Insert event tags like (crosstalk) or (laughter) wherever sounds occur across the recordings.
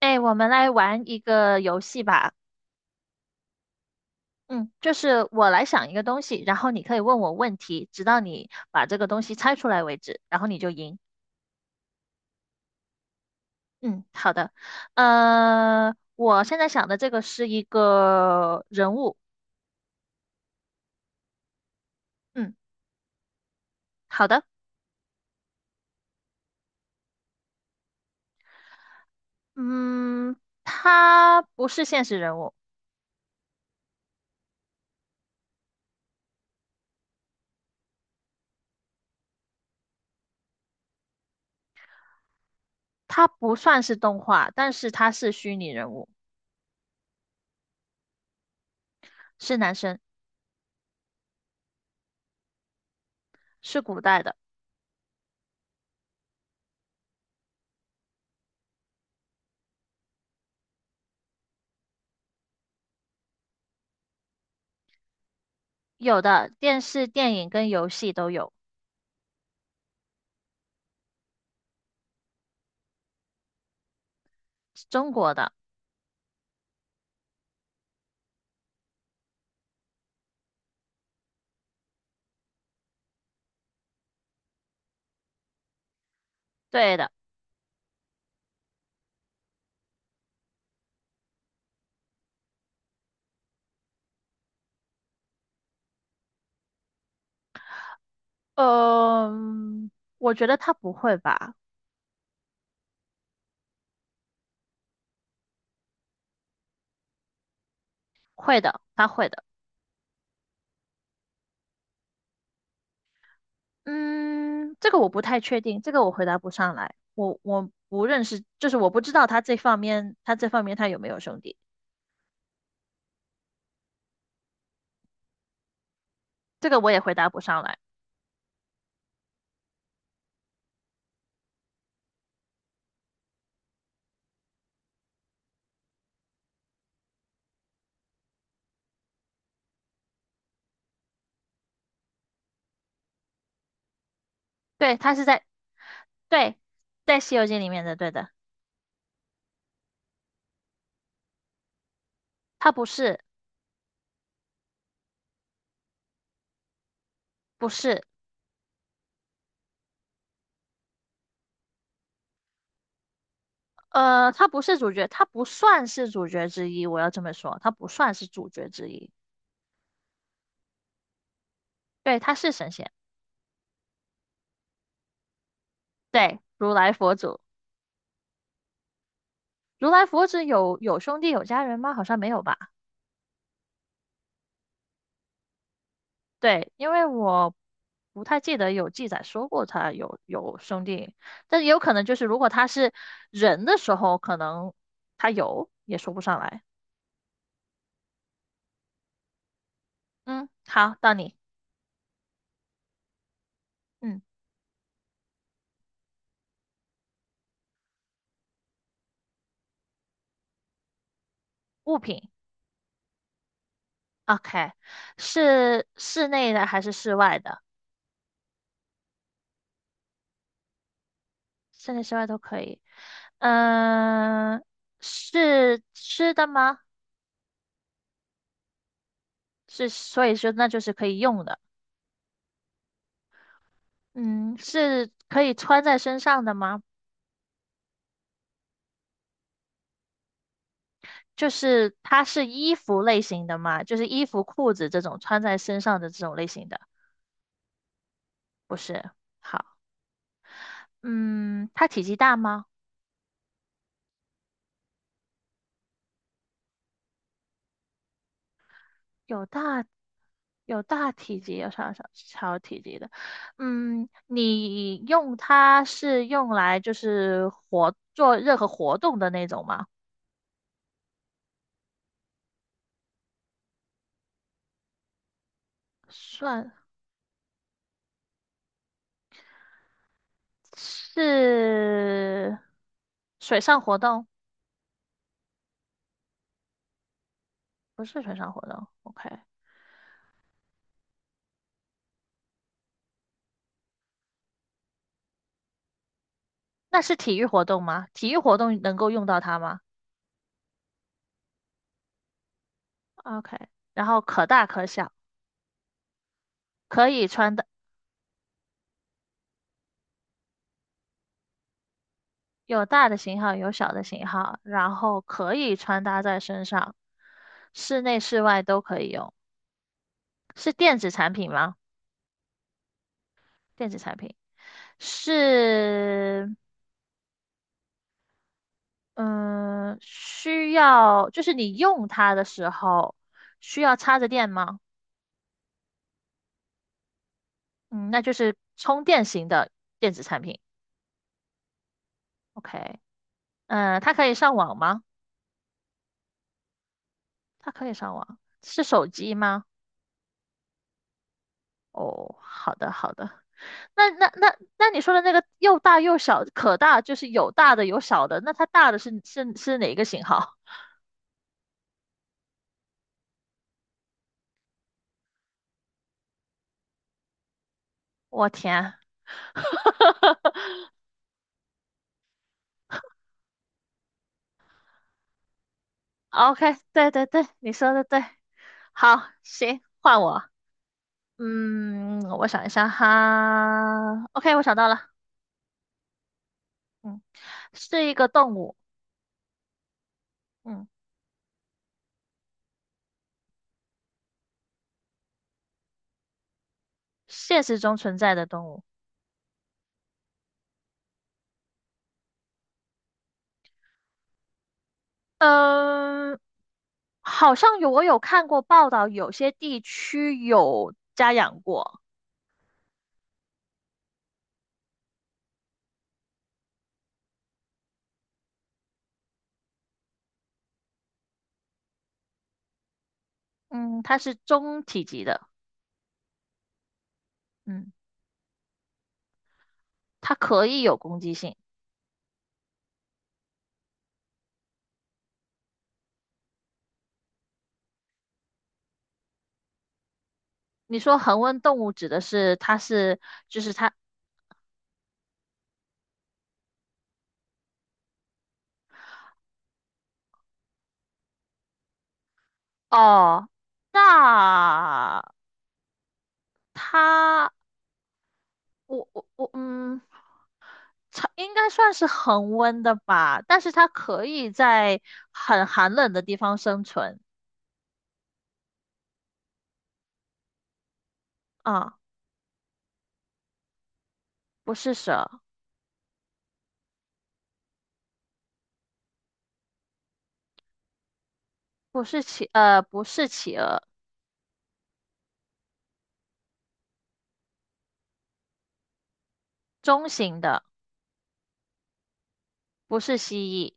哎，我们来玩一个游戏吧。嗯，就是我来想一个东西，然后你可以问我问题，直到你把这个东西猜出来为止，然后你就赢。嗯，好的。我现在想的这个是一个人物。嗯，好的。嗯，他不是现实人物，他不算是动画，但是他是虚拟人物，是男生，是古代的，有的电视、电影跟游戏都有，中国的，对的。嗯，我觉得他不会吧？会的，他会的。嗯，这个我不太确定，这个我回答不上来。我不认识，就是我不知道他这方面，他这方面他有没有兄弟，这个我也回答不上来。对，他是在，对，在《西游记》里面的，对的，他不是，不是，他不是主角，他不算是主角之一，我要这么说，他不算是主角之一。对，他是神仙，对，如来佛祖。如来佛指有兄弟有家人吗？好像没有吧？对，因为我不太记得有记载说过他有兄弟，但也有可能就是如果他是人的时候，可能他有也说不上来。嗯，好，到你。嗯，物品，OK,是室内的还是室外的？室内室外都可以。嗯、是吃的吗？是，所以说那就是可以用的。嗯，是可以穿在身上的吗？就是它是衣服类型的嘛，就是衣服、裤子这种穿在身上的这种类型的，不是？好，嗯，它体积大吗？有大有大体积，有小体积的。嗯，你用它是用来就是活做任何活动的那种吗？算是水上活动，不是水上活动。OK,那是体育活动吗？体育活动能够用到它吗？OK,然后可大可小，可以穿的有大的型号，有小的型号，然后可以穿搭在身上，室内室外都可以用。是电子产品吗？电子产品是，嗯，需要就是你用它的时候需要插着电吗？嗯，那就是充电型的电子产品。OK,嗯，它可以上网吗？它可以上网，是手机吗？哦，好的好的。那你说的那个又大又小，可大就是有大的有小的，那它大的是哪个型号？我天 (laughs)，OK,对对对，你说的对，好，行，换我，嗯，我想一下哈，OK,我想到了，嗯，是一个动物，嗯，现实中存在的动物，嗯，好像有我有看过报道，有些地区有家养过，嗯，它是中体积的。嗯，它可以有攻击性。你说恒温动物指的是它是，就是它哦，那它我嗯，它应该算是恒温的吧，但是它可以在很寒冷的地方生存啊，不是蛇，不是企不是企鹅，中型的，不是蜥蜴，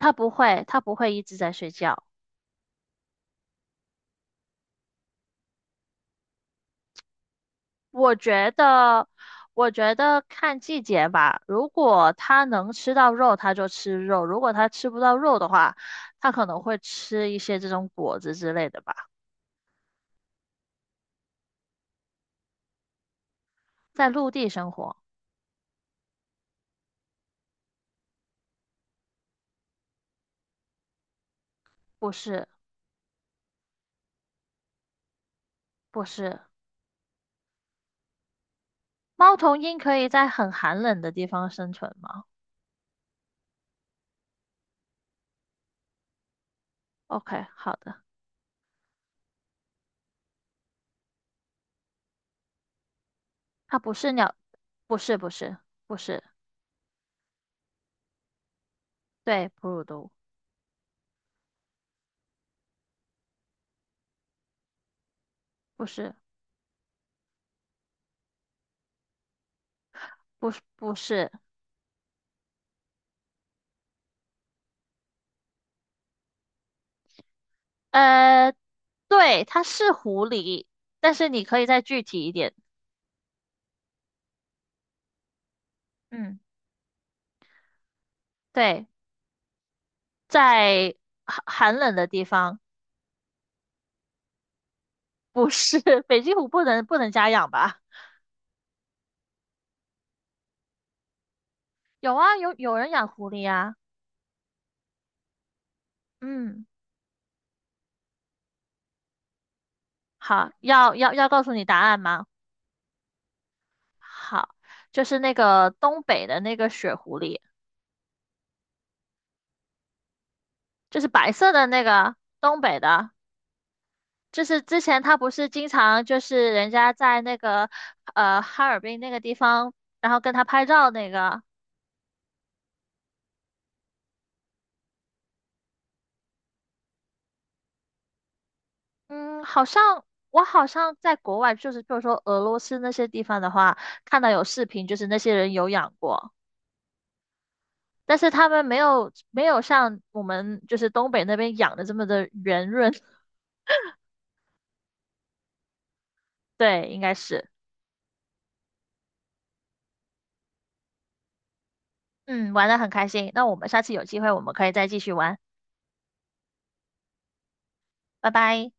它不会一直在睡觉。我觉得，我觉得看季节吧。如果它能吃到肉，它就吃肉；如果它吃不到肉的话，它可能会吃一些这种果子之类的吧。在陆地生活，不是，不是。猫头鹰可以在很寒冷的地方生存吗？OK,好的。它不是鸟，不是，不是，不是。对，哺乳动物，不是，不是，不是。呃，对，它是狐狸，但是你可以再具体一点。嗯。对，在寒寒冷的地方，不是 (laughs) 北极狐不能家养吧？有啊，有人养狐狸啊。嗯，好，要告诉你答案吗？好，就是那个东北的那个雪狐狸，就是白色的那个东北的，就是之前他不是经常就是人家在那个哈尔滨那个地方，然后跟他拍照那个。嗯，好像我好像在国外，就是就是说俄罗斯那些地方的话，看到有视频，就是那些人有养过，但是他们没有像我们就是东北那边养的这么的圆润。(laughs) 对，应该是。嗯，玩的很开心。那我们下次有机会，我们可以再继续玩。拜拜。